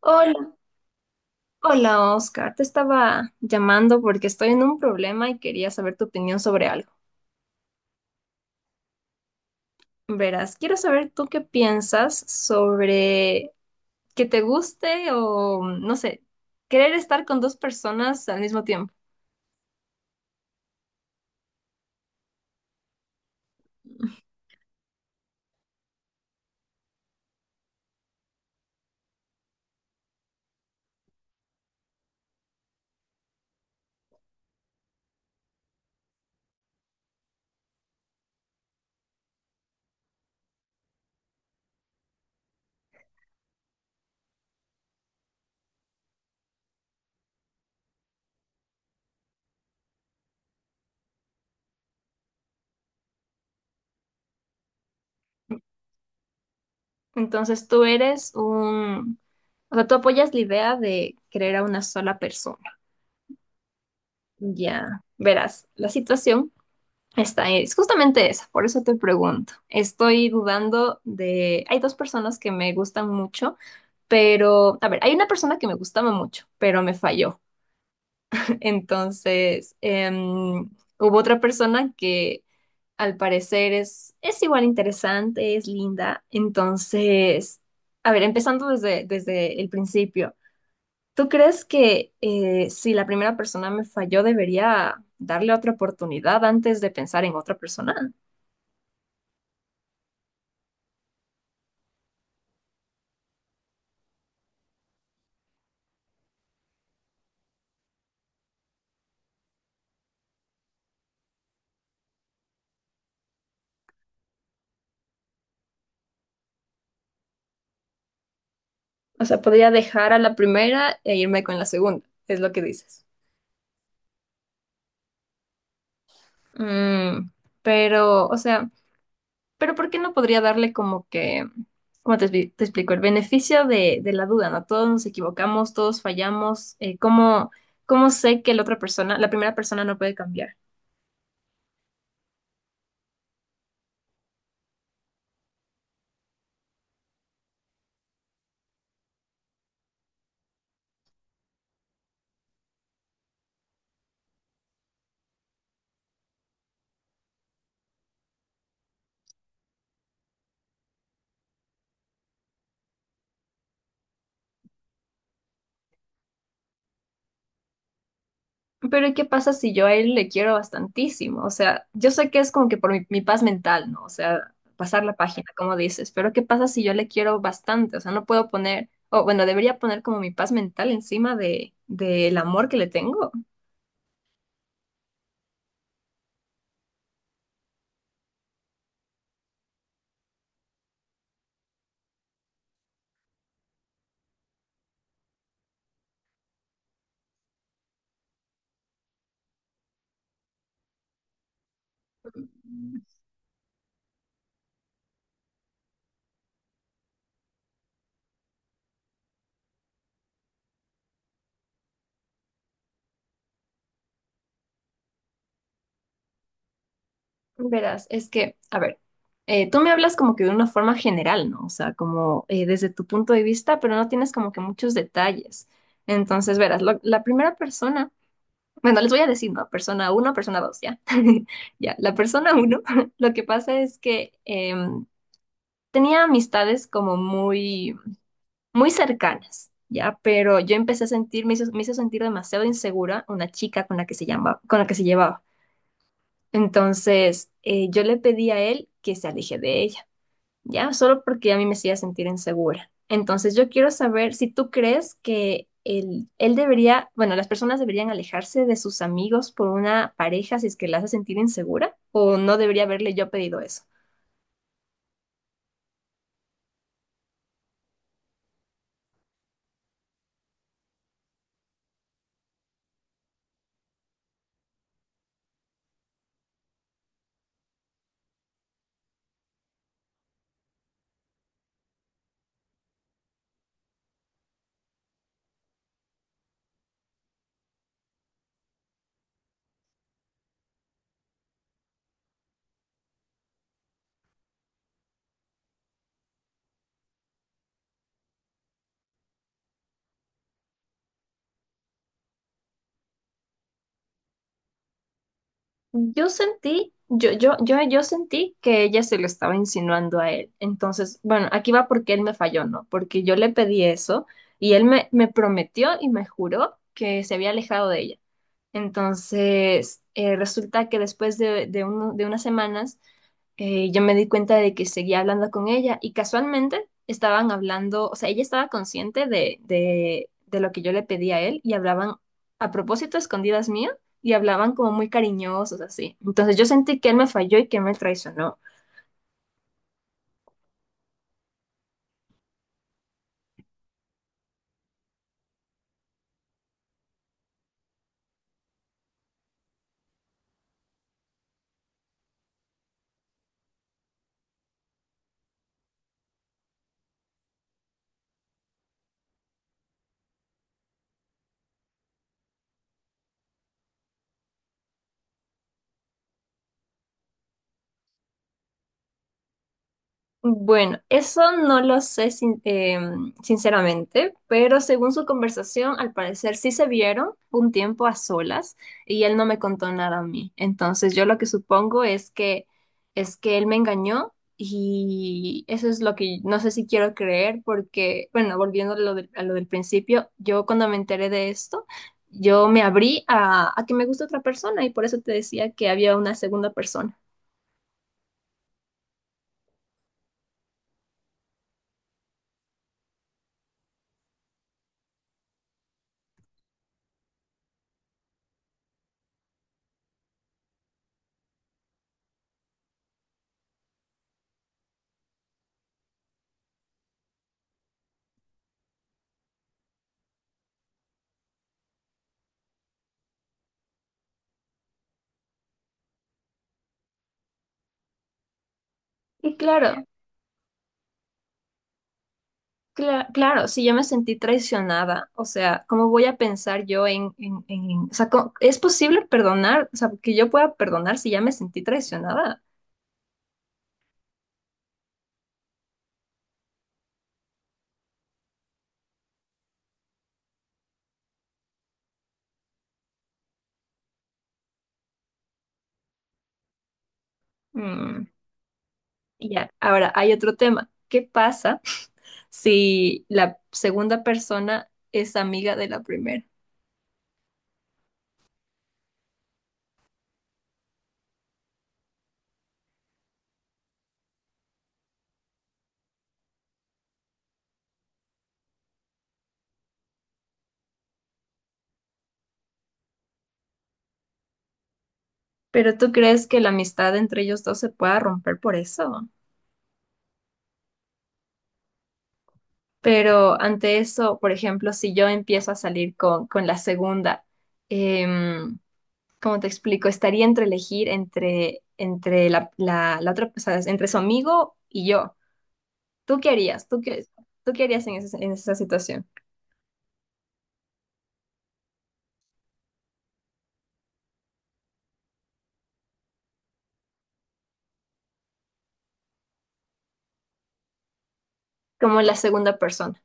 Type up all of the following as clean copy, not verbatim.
Hola, hola Oscar, te estaba llamando porque estoy en un problema y quería saber tu opinión sobre algo. Verás, quiero saber tú qué piensas sobre que te guste o, no sé, querer estar con dos personas al mismo tiempo. Entonces o sea, tú apoyas la idea de querer a una sola persona. Ya, verás, la situación. Es justamente esa, por eso te pregunto. Estoy dudando de... Hay dos personas que me gustan mucho, pero... A ver, hay una persona que me gustaba mucho, pero me falló. Entonces, hubo otra persona que al parecer es igual interesante, es linda. Entonces, a ver, empezando desde el principio. ¿Tú crees que si la primera persona me falló, debería darle otra oportunidad antes de pensar en otra persona? O sea, podría dejar a la primera e irme con la segunda, es lo que dices. Mm, pero, o sea... Pero ¿por qué no podría darle como que, ¿cómo te, te explico? El beneficio de la duda, ¿no? Todos nos equivocamos, todos fallamos. ¿Cómo, cómo sé que la otra persona, la primera persona no puede cambiar? Pero ¿qué pasa si yo a él le quiero bastantísimo? O sea, yo sé que es como que por mi paz mental, ¿no? O sea, pasar la página, como dices, pero ¿qué pasa si yo le quiero bastante? O sea, no puedo poner, o bueno, debería poner como mi paz mental encima del amor que le tengo. Verás, es que, a ver, tú me hablas como que de una forma general, ¿no? O sea, como desde tu punto de vista, pero no tienes como que muchos detalles. Entonces, verás, la primera persona, bueno, les voy a decir, ¿no? Persona uno, persona dos, ¿ya? Ya, la persona uno, lo que pasa es que em, tenía amistades como muy cercanas, ¿ya? Pero yo empecé a sentir, me hizo sentir demasiado insegura una chica con la que se llama, con la que se llevaba. Entonces, yo le pedí a él que se aleje de ella, ¿ya? Solo porque a mí me hacía sentir insegura. Entonces, yo quiero saber si tú crees que él debería, bueno, las personas deberían alejarse de sus amigos por una pareja si es que la hace sentir insegura, o no debería haberle yo pedido eso. Yo sentí, yo sentí que ella se lo estaba insinuando a él. Entonces, bueno, aquí va porque él me falló, ¿no? Porque yo le pedí eso y él me prometió y me juró que se había alejado de ella. Entonces, resulta que después de unas semanas, yo me di cuenta de que seguía hablando con ella y casualmente estaban hablando, o sea, ella estaba consciente de lo que yo le pedí a él y hablaban a propósito a escondidas mías y hablaban como muy cariñosos, así. Entonces, yo sentí que él me falló y que me traicionó. Bueno, eso no lo sé sinceramente, pero según su conversación, al parecer sí se vieron un tiempo a solas y él no me contó nada a mí. Entonces yo lo que supongo es que él me engañó y eso es lo que no sé si quiero creer porque, bueno, volviendo a a lo del principio, yo cuando me enteré de esto, yo me abrí a que me gusta otra persona y por eso te decía que había una segunda persona. Y claro. Claro, sí, yo me sentí traicionada, o sea, ¿cómo voy a pensar yo o sea, ¿es posible perdonar? O sea, que yo pueda perdonar si ya me sentí traicionada. Mm, y ya, ahora hay otro tema. ¿Qué pasa si la segunda persona es amiga de la primera? Pero ¿tú crees que la amistad entre ellos dos se pueda romper por eso? Pero ante eso, por ejemplo, si yo empiezo a salir con la segunda, em, ¿cómo te explico? Estaría entre elegir entre, entre la otra, o sea, entre su amigo y yo. ¿Tú qué harías? ¿Tú qué harías en esa situación? Como la segunda persona.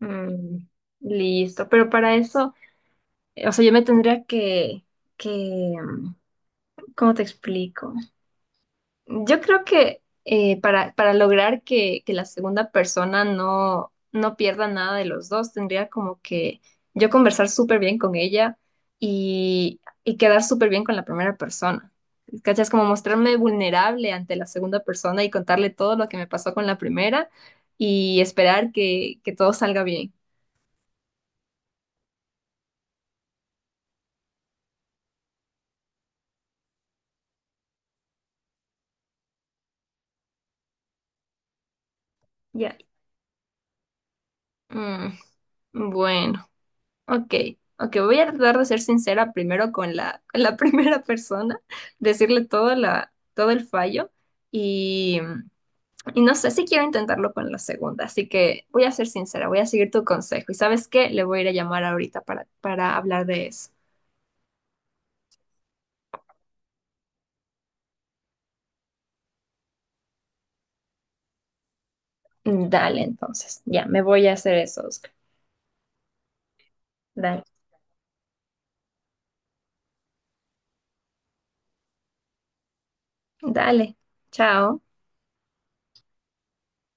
Mm, listo. Pero para eso, o sea, yo me tendría que, mm, ¿cómo te explico? Yo creo que para lograr que la segunda persona no pierda nada de los dos, tendría como que yo conversar súper bien con ella y quedar súper bien con la primera persona. ¿Cachas? Como mostrarme vulnerable ante la segunda persona y contarle todo lo que me pasó con la primera y esperar que todo salga bien. Ya. Mm, bueno. Ok, ok, voy a tratar de ser sincera primero con con la primera persona, decirle todo, la, todo el fallo y, y no sé si quiero intentarlo con la segunda, así que voy a ser sincera, voy a seguir tu consejo y ¿sabes qué? Le voy a ir a llamar ahorita para hablar de eso. Dale, entonces, ya, me voy a hacer eso, Oscar. Dale, dale, chao.